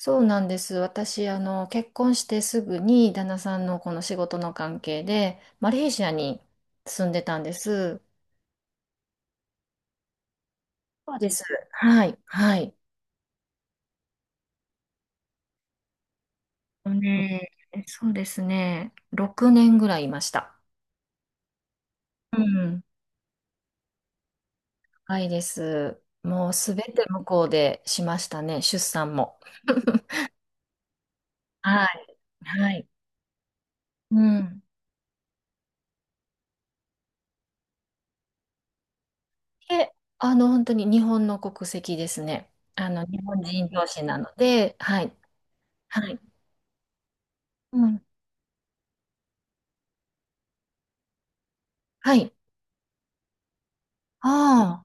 そうなんです。私、結婚してすぐに旦那さんのこの仕事の関係で、マレーシアに住んでたんです。そうです。はい、はい。ねそうですね。6年ぐらいいました。うん。はいです。もうすべて向こうでしましたね。出産も。はい。はい。うん。で、本当に日本の国籍ですね。日本人同士なので、はい。はい。うん。はい。ああ。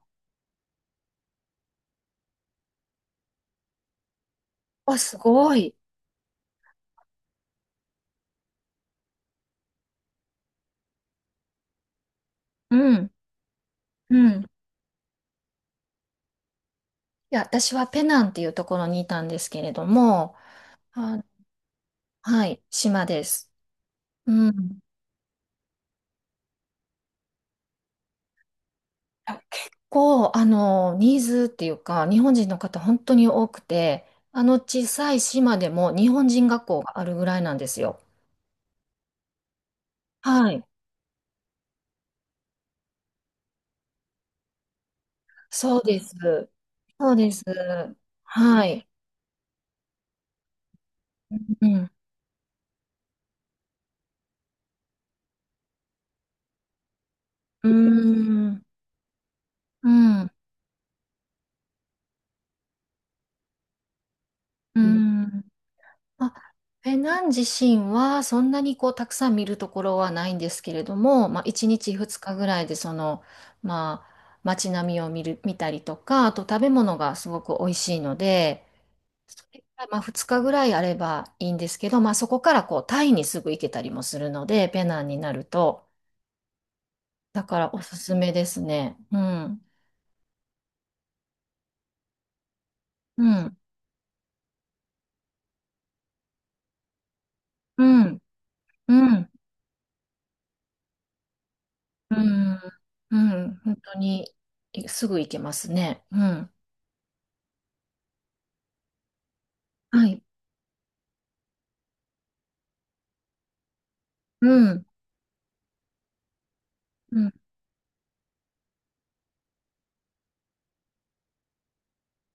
あ、すごい。うん、うん。いや、私はペナンっていうところにいたんですけれども、あ、はい、島です。うん。あ結構、ニーズっていうか、日本人の方本当に多くて、あの小さい島でも日本人学校があるぐらいなんですよ。はい。そうです。そうです。はい。うん。うーん。うん。うん。あペナン自身はそんなにこうたくさん見るところはないんですけれども、まあ、1日2日ぐらいでその、まあ、街並みを見たりとかあと食べ物がすごく美味しいのでそれがまあ2日ぐらいあればいいんですけど、まあ、そこからこうタイにすぐ行けたりもするのでペナンになるとだからおすすめですね。うん、うんうんうんうんうん本当にいすぐ行けますね。うん、はい、うんうん、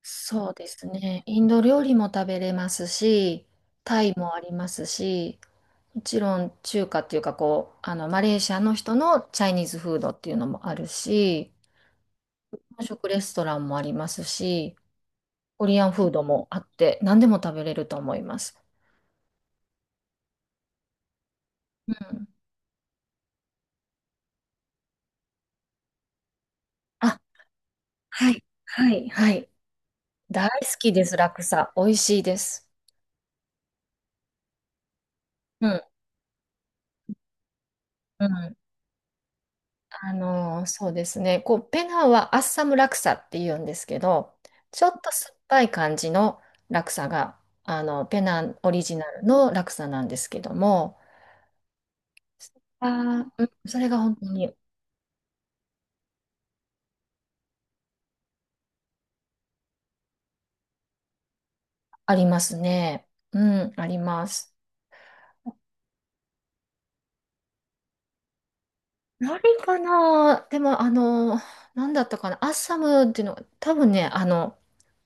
そうですね。インド料理も食べれますし、タイもありますし、もちろん中華っていうかこう、マレーシアの人のチャイニーズフードっていうのもあるし、日本食レストランもありますし、コリアンフードもあって、何でも食べれると思います。うん。あ、はい、はい、はい。大好きです、ラクサ。美味しいです。うん、うん。そうですね。こう、ペナンはアッサムラクサって言うんですけど、ちょっと酸っぱい感じのラクサが、ペナンオリジナルのラクサなんですけども、あーうんそれが本当にありますね。うん、あります。何かなでも、なんだったかなアッサムっていうのが、多分ね、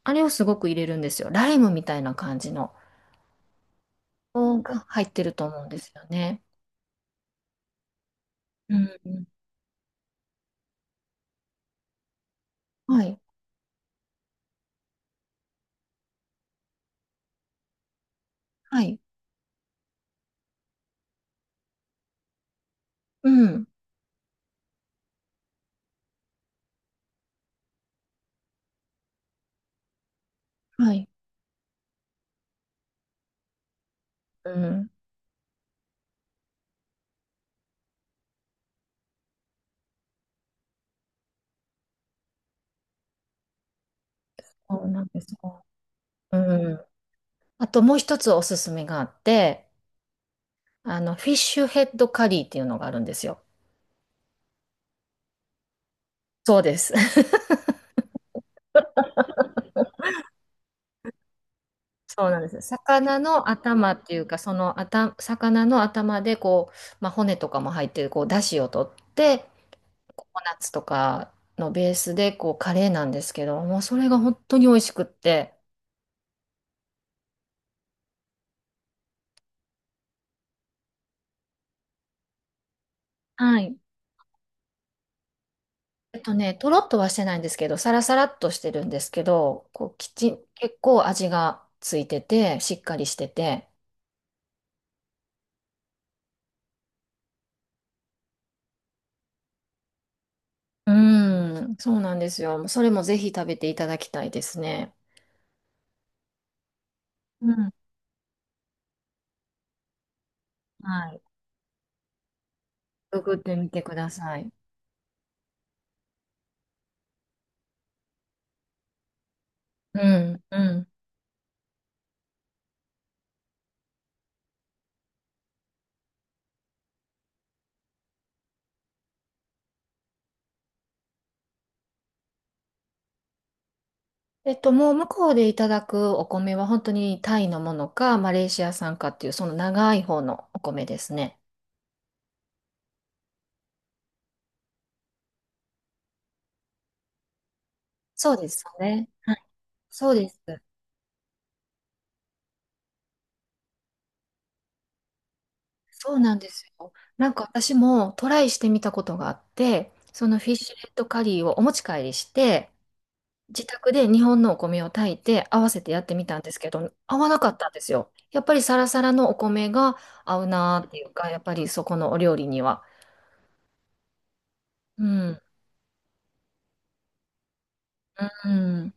あれをすごく入れるんですよ。ライムみたいな感じの、が入ってると思うんですよね。うん。はい。はい。うん。はい。うん。そうなんですか。うん。あともう一つおすすめがあって、フィッシュヘッドカリーっていうのがあるんですよ。そうです。そうなんです。魚の頭っていうか、その頭、魚の頭でこう、まあ、骨とかも入ってる、こう、出汁を取って、ココナッツとかのベースで、こう、カレーなんですけど、もうそれが本当に美味しくって、はい。えっとね、とろっとはしてないんですけど、サラサラっとしてるんですけど、こう、きちん、結構味がついてて、しっかりしてて。うーん、そうなんですよ。それもぜひ食べていただきたいですね。うん。はい。作ってみてください。うん、うん。えっと、もう向こうでいただくお米は本当にタイのものか、マレーシア産かっていう、その長い方のお米ですね。そうですよね。はい。そうです。そうなんですよ。なんか私もトライしてみたことがあって、そのフィッシュレットカリーをお持ち帰りして、自宅で日本のお米を炊いて合わせてやってみたんですけど、合わなかったんですよ。やっぱりサラサラのお米が合うなーっていうか、やっぱりそこのお料理には。うん。うん。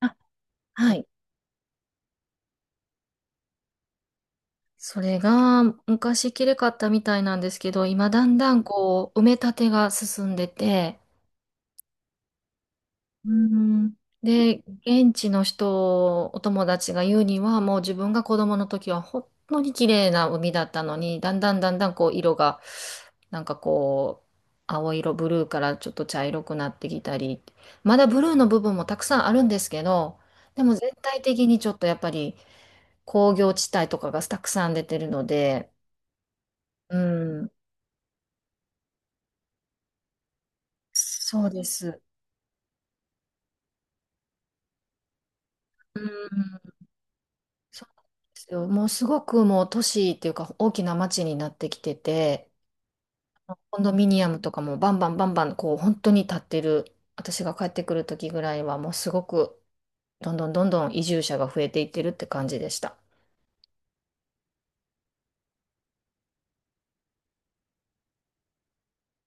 あ、はい。それが昔きれかったみたいなんですけど、今だんだんこう、埋め立てが進んでて、うん。で、現地の人、お友達が言うには、もう自分が子供の時は本当に綺麗な海だったのに、だんだんだんだんこう色が、なんかこう、青色、ブルーからちょっと茶色くなってきたり、まだブルーの部分もたくさんあるんですけど、でも全体的にちょっとやっぱり工業地帯とかがたくさん出てるので、うん、そうです。うんそうなんですよ。もうすごくもう都市っていうか大きな街になってきてて、コンドミニアムとかもバンバンバンバンこう本当に建ってる、私が帰ってくる時ぐらいはもうすごくどんどんどんどん移住者が増えていってるって感じでした。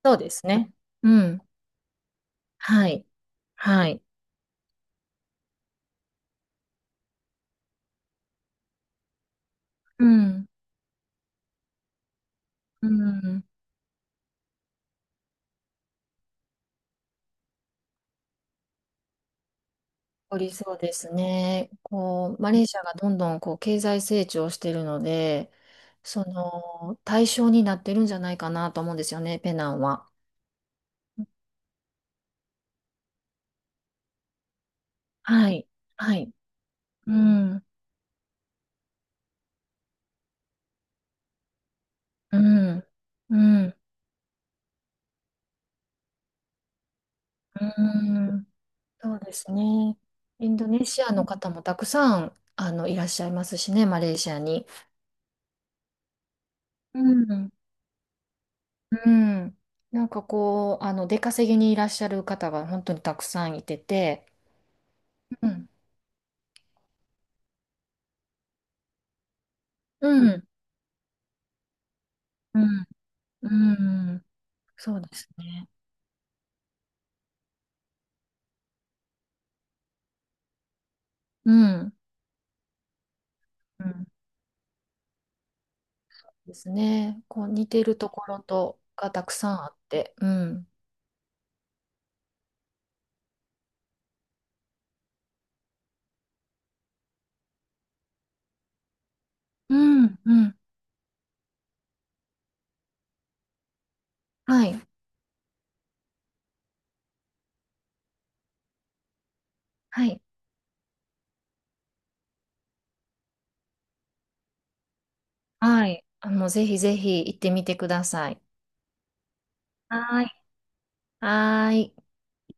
そうですね。うん。はい。はい。うん。うん。おりそうですね。こう、マレーシアがどんどんこう経済成長してるので、その対象になってるんじゃないかなと思うんですよね、ペナンは。はい。はい。うん。うん。うん。うん。そうですね。インドネシアの方もたくさん、いらっしゃいますしね、マレーシアに。うん。うん。なんかこう、出稼ぎにいらっしゃる方が本当にたくさんいてて。うん。うん。うん。うん。そうですね。うん。うん。ですね。こう、似ているところと、がたくさんあって。うん。うん。うん。はい。はい。はい。あ、もうぜひぜひ行ってみてください。はい。はい。